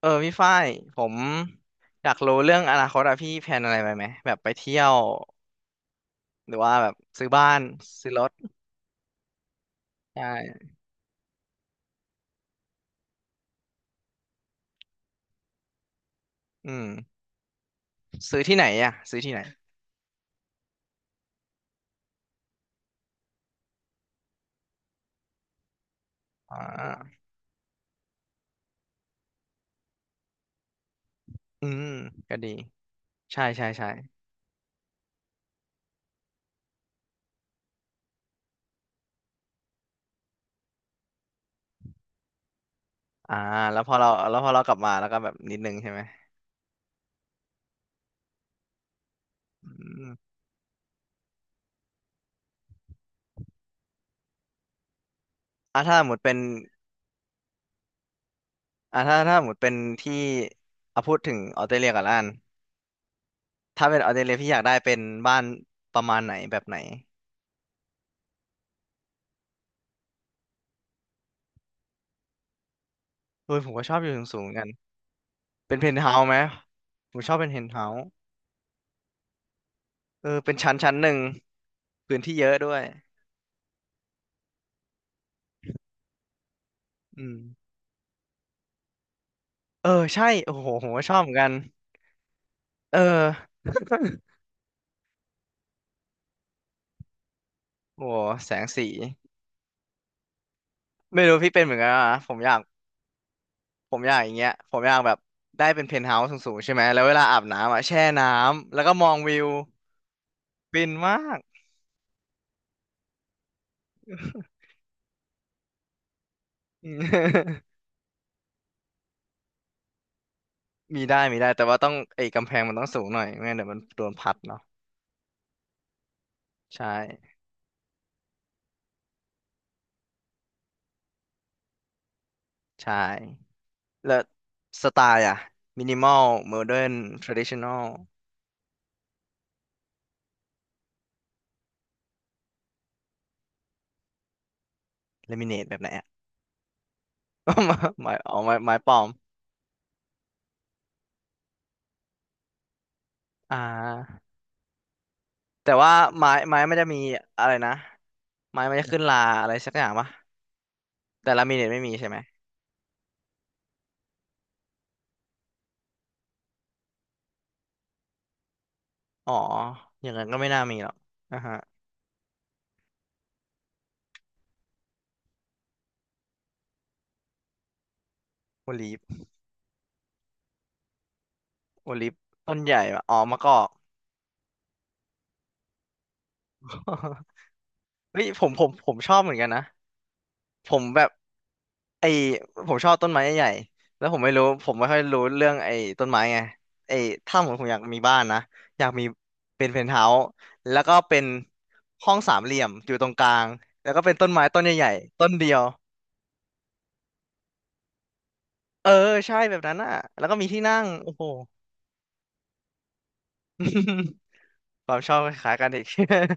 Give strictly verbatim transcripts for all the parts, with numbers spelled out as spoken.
เออพี่ฝ้ายผมอยากรู้เรื่องอนาคตอะพี่แพลนอะไรไปไหมแบบไปเที่ยวหรือว่าแบบซื้อบ้านซื้อรถใช่อืมซื้อที่ไหนอะซื้อที่ไหนอ่าอืมก็ดีใช่ใช่ใช่อ่าแล้วพอเราแล้วพอเรากลับมาแล้วก็แบบนิดนึงใช่ไหมอืมอ่าถ้าสมมติเป็นอ่าถ้าถ้าสมมติเป็นที่เอาพูดถึงออสเตรเลียก่อนละกันถ้าเป็นออสเตรเลียพี่อยากได้เป็นบ้านประมาณไหนแบบไหนเฮ้ยผมก็ชอบอยู่สูงๆเหมือนกันเป็นเพนท์เฮาส์ไหมผมชอบเป็นเพนท์เฮา เออเป็นชั้นชั้นหนึ่งพื้นที่เยอะด้วยอืมเออใช่โอ้โหผมก็ชอบเหมือนกันเออโอ้โหแสงสีไม่รู้พี่เป็นเหมือนกันอ่ะผมอยากผมอยากอย่างเงี้ยผมอยากแบบได้เป็นเพนท์เฮาส์สูงๆใช่ไหมแล้วเวลาอาบน้ำอ่ะแช่น้ำแล้วก็มองวิวฟินมากอืม มีได้มีได้แต่ว่าต้องไอ้กำแพงมันต้องสูงหน่อยไม่งั้นเดี๋ยวมันโดนพัดเนาะใช่ใช่แล้วสไตล์อ่ะมินิมอลโมเดิร์นทรดิชันนอลเลมิเนตแบบไหน ก็ไม้ไม้อ๋อไม้ไม้ปลอมอ่าแต่ว่าไม้ไม้มันจะมีอะไรนะไม้มันจะขึ้นราอะไรสักอย่างปะแต่ลามิเนตไม่มีใช่ไหมอ๋ออย่างนั้นก็ไม่น่ามีหรอกอ่าฮะโอลิฟโอลิฟต้นใหญ่ปะอ๋อมะกอก เฮ้ยผมผมผมชอบเหมือนกันนะผมแบบ ไอผมชอบต้นไม้ใหญ่ๆแล้วผมไม่รู้ผมไม่ค่อยรู้เรื่องไอ้ต้นไม้ไงไอ้ถ้าผมผมอยากมีบ้านนะอยากมีเป็นเพนท์เฮาส์แล้วก็เป็นห้องสามเหลี่ยมอยู่ตรงกลางแล้วก็เป็นต้นไม้ต้นใหญ่ๆต้นเดียวเออใช่แบบนั้นอ่ะแล้วก็มีที่นั่งโอ้โห ความชอบคล้ายกันอีก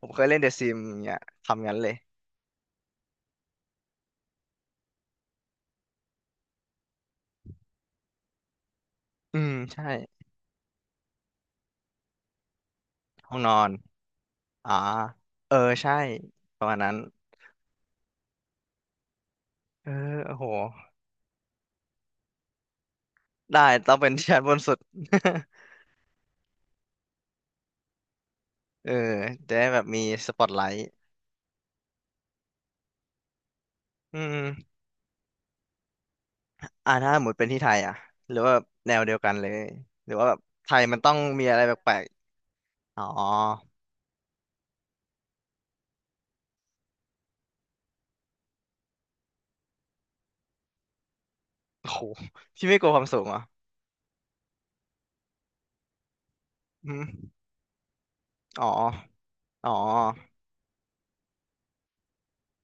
ผมเคยเล่นเดอะซิมเนี่ยทำงั้นเลยอืมใช่ห้องนอนอ่าเออใช่ประมาณนั้นเออโอ้โหได้ต้องเป็นชั้นบนสุด เออจะได้แบบมีสปอตไลท์อืมอ่าถ้าหมดเป็นที่ไทยอ่ะหรือว่าแบบแนวเดียวกันเลยหรือว่าแบบไทยมันต้องมีอะไรแปลกๆอ๋อโอ้โหพี่ไม่กลัวความสูงเหรอ่ะอืมอ๋อ อ๋อ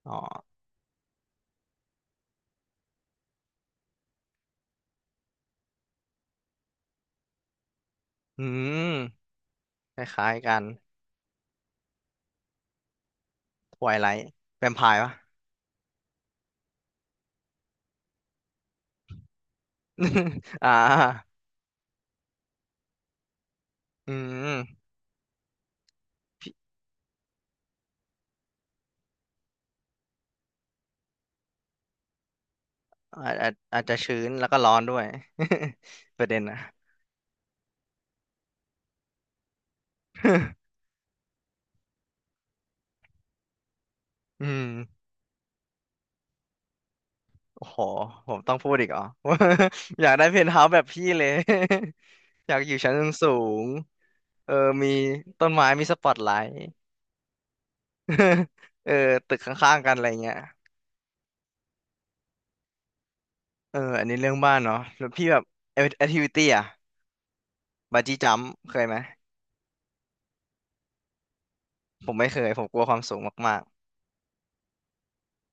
อ๋ออืมคล้ายๆกันทวายไลท์แวมไพร์ปะ อ่าอืมอาจอาจอาจจะชื้นแล้วก็ร้อนด้วย ประเด็นนะ อืมโอ้โหผมต้องพูดอีกเหรอ อยากได้เพนท์เฮาส์แบบพี่เลย อยากอยู่ชั้นสูงเออมีต้นไม้มีสปอตไลท์ เออตึกข้างๆกันอะไรเงี้ยเอออันนี้เรื่องบ้านเนาะแล้วพี่แบบแอคทิวิตี้อะบาจี้จัม เคยไหม ผมไม่เคย ผมกลัวความสูงมาก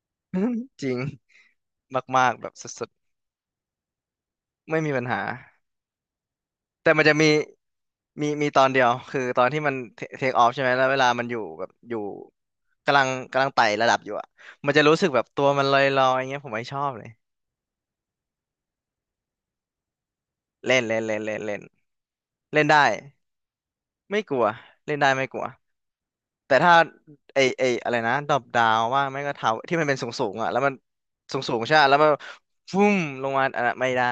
ๆ จริงมากๆแบบสุดๆไม่มีปัญหา แต่มันจะมีมีมีตอนเดียวคือตอนที่มันเทคออฟใช่ไหม แล้วเวลามันอยู่แบบอยู่กำลังกำลังไต่ระดับอยู่อะ มันจะรู้สึกแบบตัวมันลอยๆอย่างเงี้ยผมไม่ชอบเลยเล่นเล่นเล่นเล่นเล่นเล่นได้ ไม่กลัวเล่นได้ไม่กลัวแต่ถ้าไอไออะไรนะดรอปดาวว่างไม่ก็เท้าที่มันเป็นสูงสูงอ่ะแล้วมันสูงสูงใช่ปะแล้วมันฟุ้มลงมาอันนั้นไม่ได้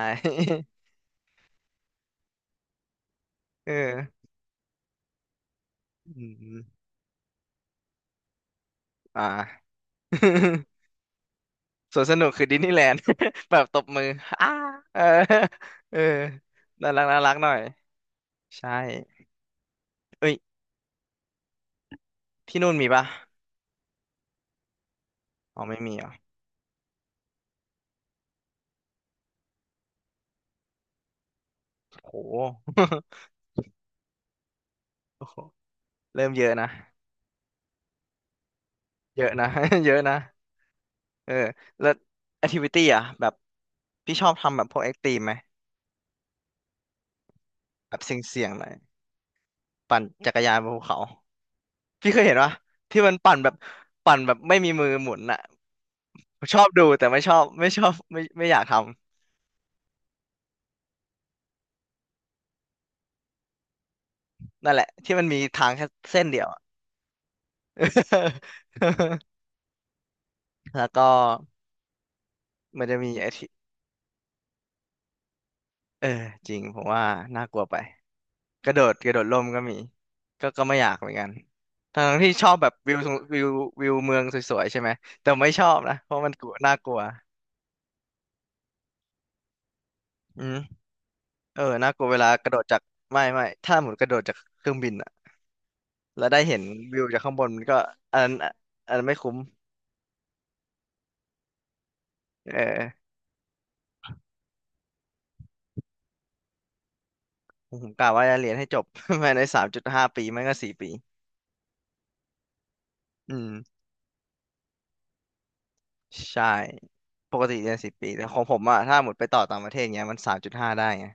เอออืมอ่า สวนสนุกคือดิสนีย์ แลนด์ แบบตบมืออ้าเออ เออน่ารักน่ารักหน่อยใช่เอ้ยที่นู่นมีปะอ๋อไม่มีเหรอ่ะโห โอ้โหเริ่มเยอะนะเยอะนะ เยอะนะ เออแล้วแอทิวิตี้อ่ะแบบพี่ชอบทำแบบพวกแอคทีฟไหมแบบเสี่ยงๆหน่อยปั่นจักรยานบนภูเขาพี่เคยเห็นปะที่มันปั่นแบบปั่นแบบไม่มีมือหมุนอ่ะชอบดูแต่ไม่ชอบไม่ชอบไม่ไม่อยากทำนั่นแหละที่มันมีทางแค่เส้นเดียวอะ แล้วก็มันจะมีแอคทีเออจริงผมว่าน่ากลัวไป กระโดดกระโดดร่มก็มีก็ก็ไม่อยากเหมือนกันทั้งที่ชอบแบบวิวสงวิววิวเมืองสวยๆใช่ไหมแต่ไม่ชอบนะเพราะมันกลัวน่ากลัวอืมเออน่ากลัวเวลากระโดดจากไม่ไม่ถ้าหมุนกระโดดจากเครื่องบินอะแล้วได้เห็นวิวจากข้างบนมันก็อันนั้นอันนั้นไม่คุ้มเออผมกะว่าจะเรียนให้จบ ภายในสามจุดห้าปีไม่ก็สี่ปีอืมใช่ปกติเรียนสี่ปีแต่ของผมอะถ้าหมดไปต่อต่างประเทศเงี้ยมันสามจุดห้าได้ไง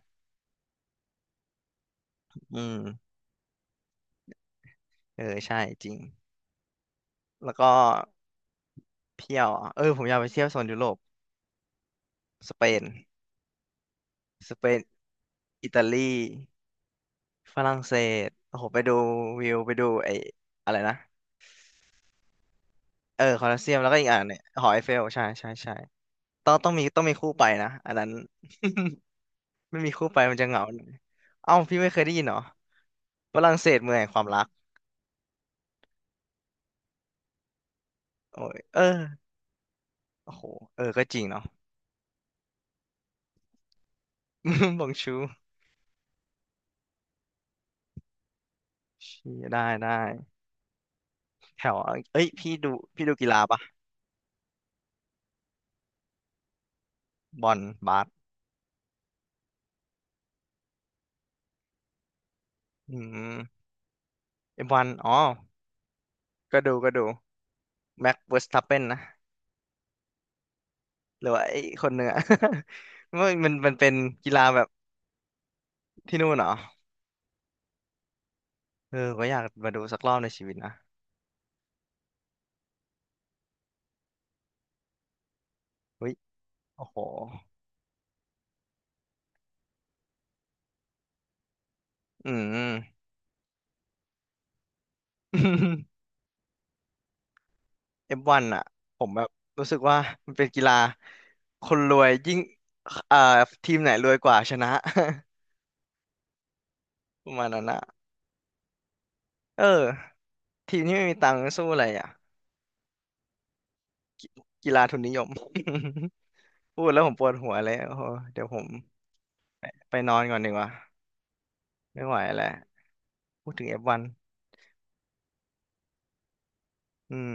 อืมเออใช่จริงแล้วก็ เที่ยวอ่ะเออผมอยากไปเที่ยวโซนยุโรปสเปนสเปนอิตาลีฝรั่งเศสโอ้โหไปดูวิวไปดูไอ้อะไรนะเออคอลอสเซียมแล้วก็อีกอันเนี่ยหอไอเฟลใช่ใช่ใช่ต้องต้องมีต้องมีคู่ไปนะอันนั้น ไม่มีคู่ไปมันจะเหงาหน่อยเอ้าพี่ไม่เคยได้ยินเหรอฝรั่งเศสเมืองแห่งความรักโอ้ยเออโอ้โหเออก็จริงเนาะ บองชูชี้ได้ได้แถวเอ้ยพี่ดูพี่ดูกีฬาปะบอลบาสอืมไอ้บอลอ๋อ ก็ดูก็ดูแม็กเวอร์สตัปเปนนะหรือว่าไอ้คนหนึ่งอะ มันมันมันเป็นกีฬาแบบที่นู่นเหรอเออก็อยากมาดูสักรอบในชีวิตนะเฮ้ยโอ้โหอืม เอฟวันอะผมแบบรู้สึกว่ามันเป็นกีฬาคนรวยยิ่งเอ่อทีมไหนรวยกว่าชนะ ประมาณนั้นอะเออทีมที่ไม่มีตังค์สู้อะไรอะกีฬาทุนนิยม พูดแล้วผมปวดหัวเลยโอ้โหเดี๋ยวผมไปนอนก่อนดีกว่าไม่ไหวแล้วพูดถึงเอฟวัน อืม